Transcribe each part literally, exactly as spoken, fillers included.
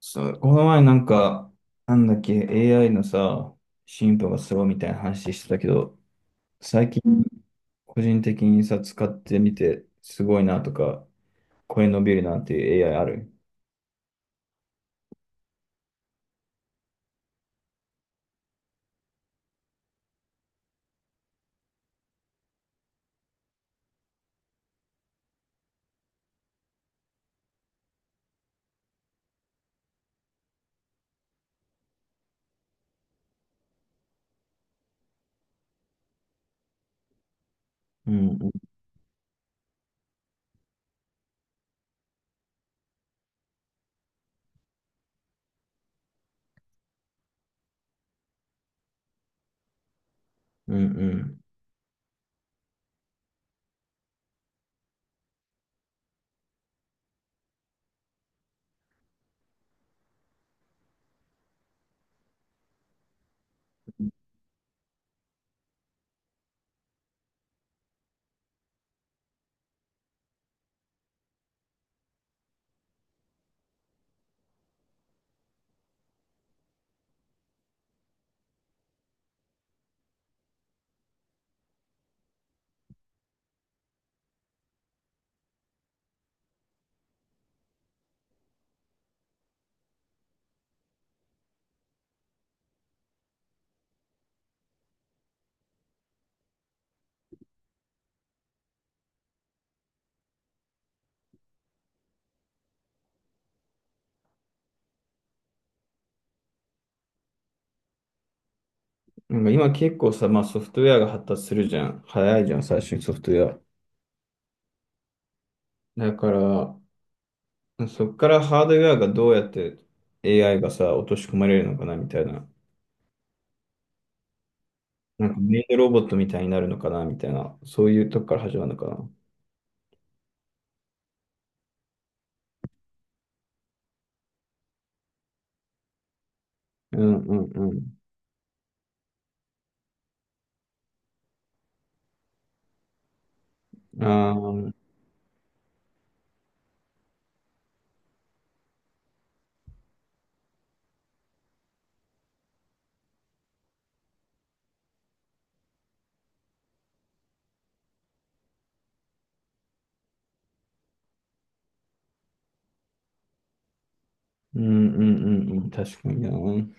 そう、この前なんか、なんだっけ、エーアイ のさ、進歩がすごいみたいな話してたけど、最近、うん、個人的にさ、使ってみて、すごいなとか、これ伸びるなっていう エーアイ ある？うんうんうんうん。なんか今結構さ、まあソフトウェアが発達するじゃん。早いじゃん、最初にソフトウェア。だから、そっからハードウェアがどうやって エーアイ がさ、落とし込まれるのかなみたいな。なんかメイドロボットみたいになるのかなみたいな。そういうとこから始まるのかな。うんうんうん。ああ、うんうんうんうん。確かにな。う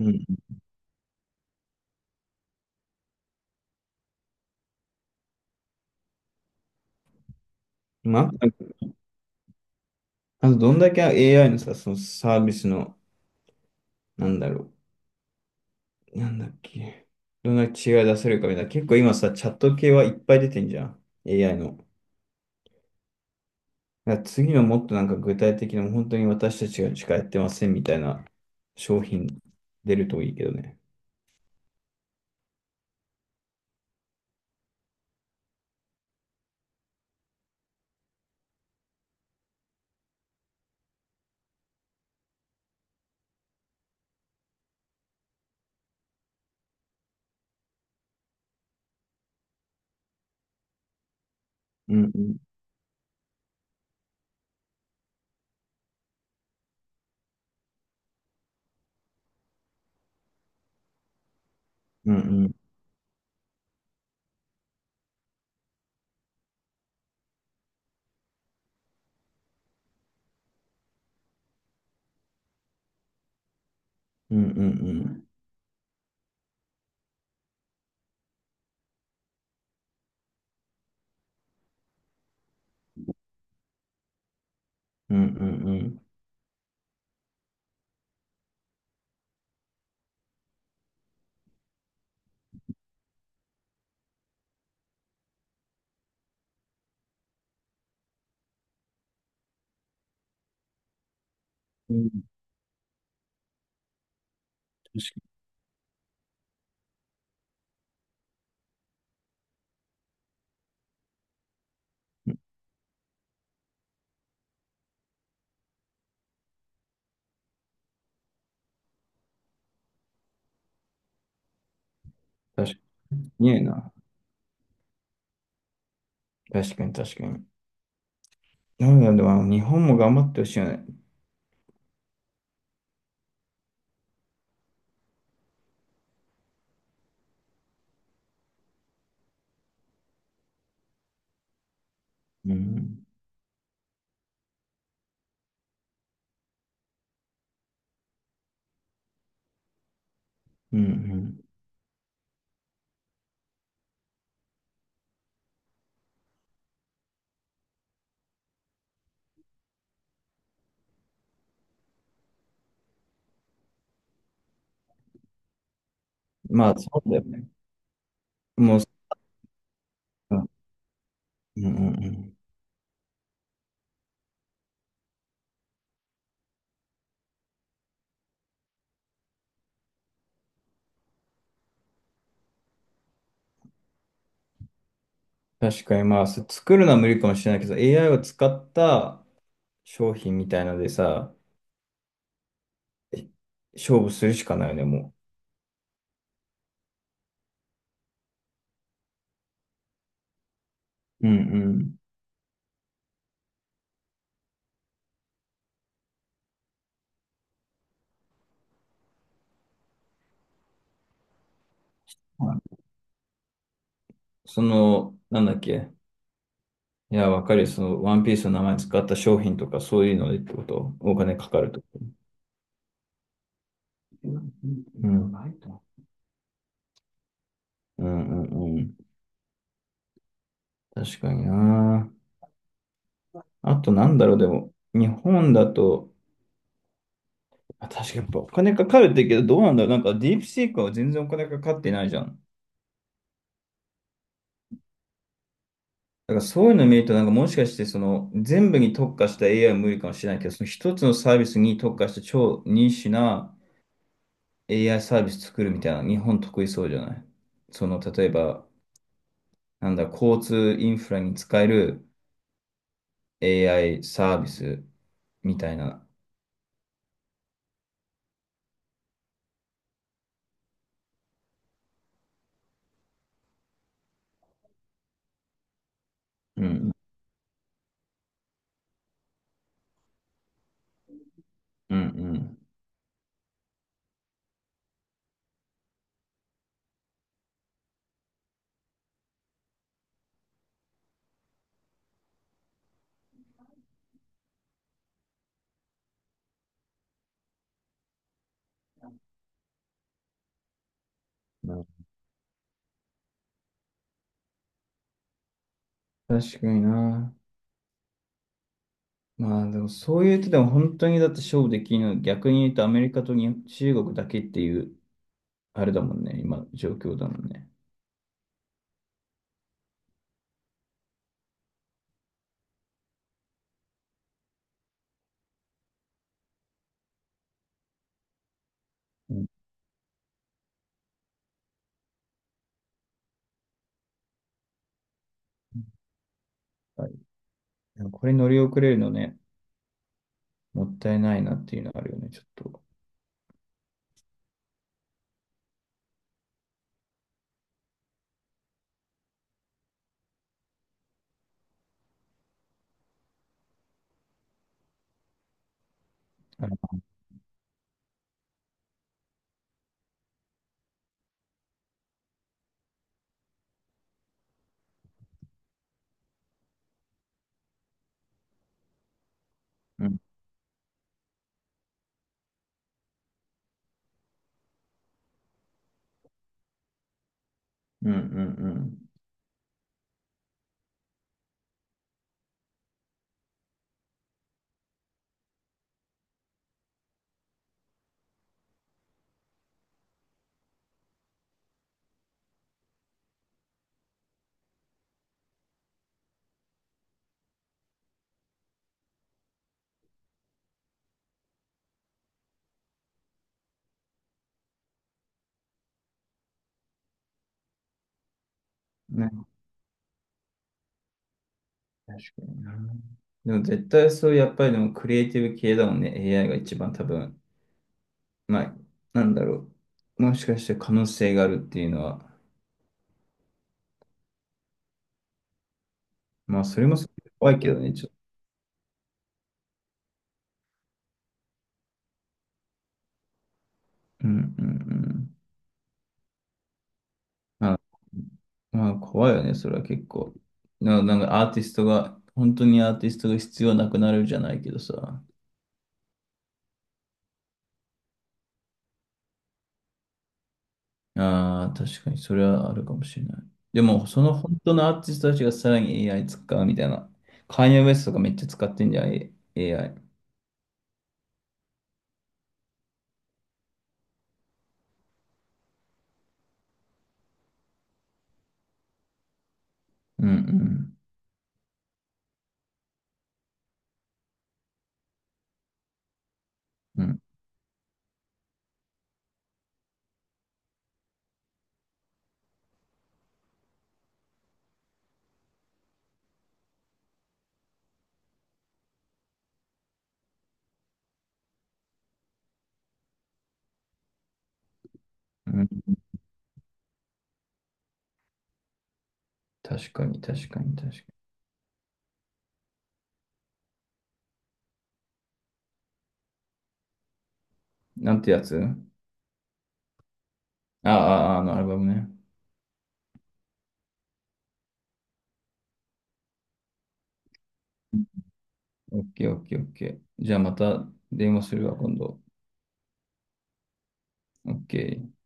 ん。まあ、あとどんだけ エーアイ のさ、そのサービスの、なんだろう。なんだっけ。どんだけ違い出せるかみたいな。結構今さ、チャット系はいっぱい出てんじゃん。エーアイ の。だから次のもっとなんか具体的な、本当に私たちがしかやってませんみたいな商品出るといいけどね。うんうんうんうんうんうんうんうんうんうん。うん、確かに。確かに。ねえな。確かに確かに。なので、まあ、日本も頑張ってほしいよね。うん。うん、うん。まあ、そうだよね。もう、うんうんうん。確かに、まあ、そ作るのは無理かもしれないけど、エーアイ を使った商品みたいのでさ、え勝負するしかないよね、もう。うんうん。はい、その、なんだっけ。いや、わかるよ。その、ワンピースの名前使った商品とか、そういうのでってこと。お金かかるってこと。うん。うんうんうん。確かにな。あとなんだろう、でも、日本だと、あ、確かにやっぱお金かかるって言うけど、どうなんだろう、なんかディープシークは全然お金かかってないじゃん。だからそういうの見ると、なんかもしかしてその全部に特化した エーアイ は無理かもしれないけど、その一つのサービスに特化した超ニッチな エーアイ サービス作るみたいな、日本得意そうじゃない？その、例えば、なんだ、交通インフラに使える エーアイ サービスみたいな。うん、うん、うんうん。確かにな。まあでもそういうとでも本当にだって勝負できるの逆に言うとアメリカとに中国だけっていうあれだもんね、今の状況だもんね。うん、はい、でもこれ乗り遅れるのね、もったいないなっていうのはあるよね、ちょっと。あのうんうんうんうん。ね、確かにな。でも絶対そうやっぱりでもクリエイティブ系だもんね、 エーアイ が一番多分、まあなんだろう、もしかして可能性があるっていうのは、まあそれもすごい怖いけどね、ちょっと。うんうんうん。あ、まあ、怖いよね、それは結構。な、なんかアーティストが、本当にアーティストが必要なくなるじゃないけどさ。ああ、確かにそれはあるかもしれない。でも、その本当のアーティストたちがさらに エーアイ 使うみたいな。カーニェ・ウエストとかめっちゃ使ってんじゃん、A- i うんうん。うんうん。確かに、確かに、確かに。なんてやつ？ああ、ああのアルバムね。オッケー、オッケー、オッケー。じゃあまた電話するわ、今度。オッケー。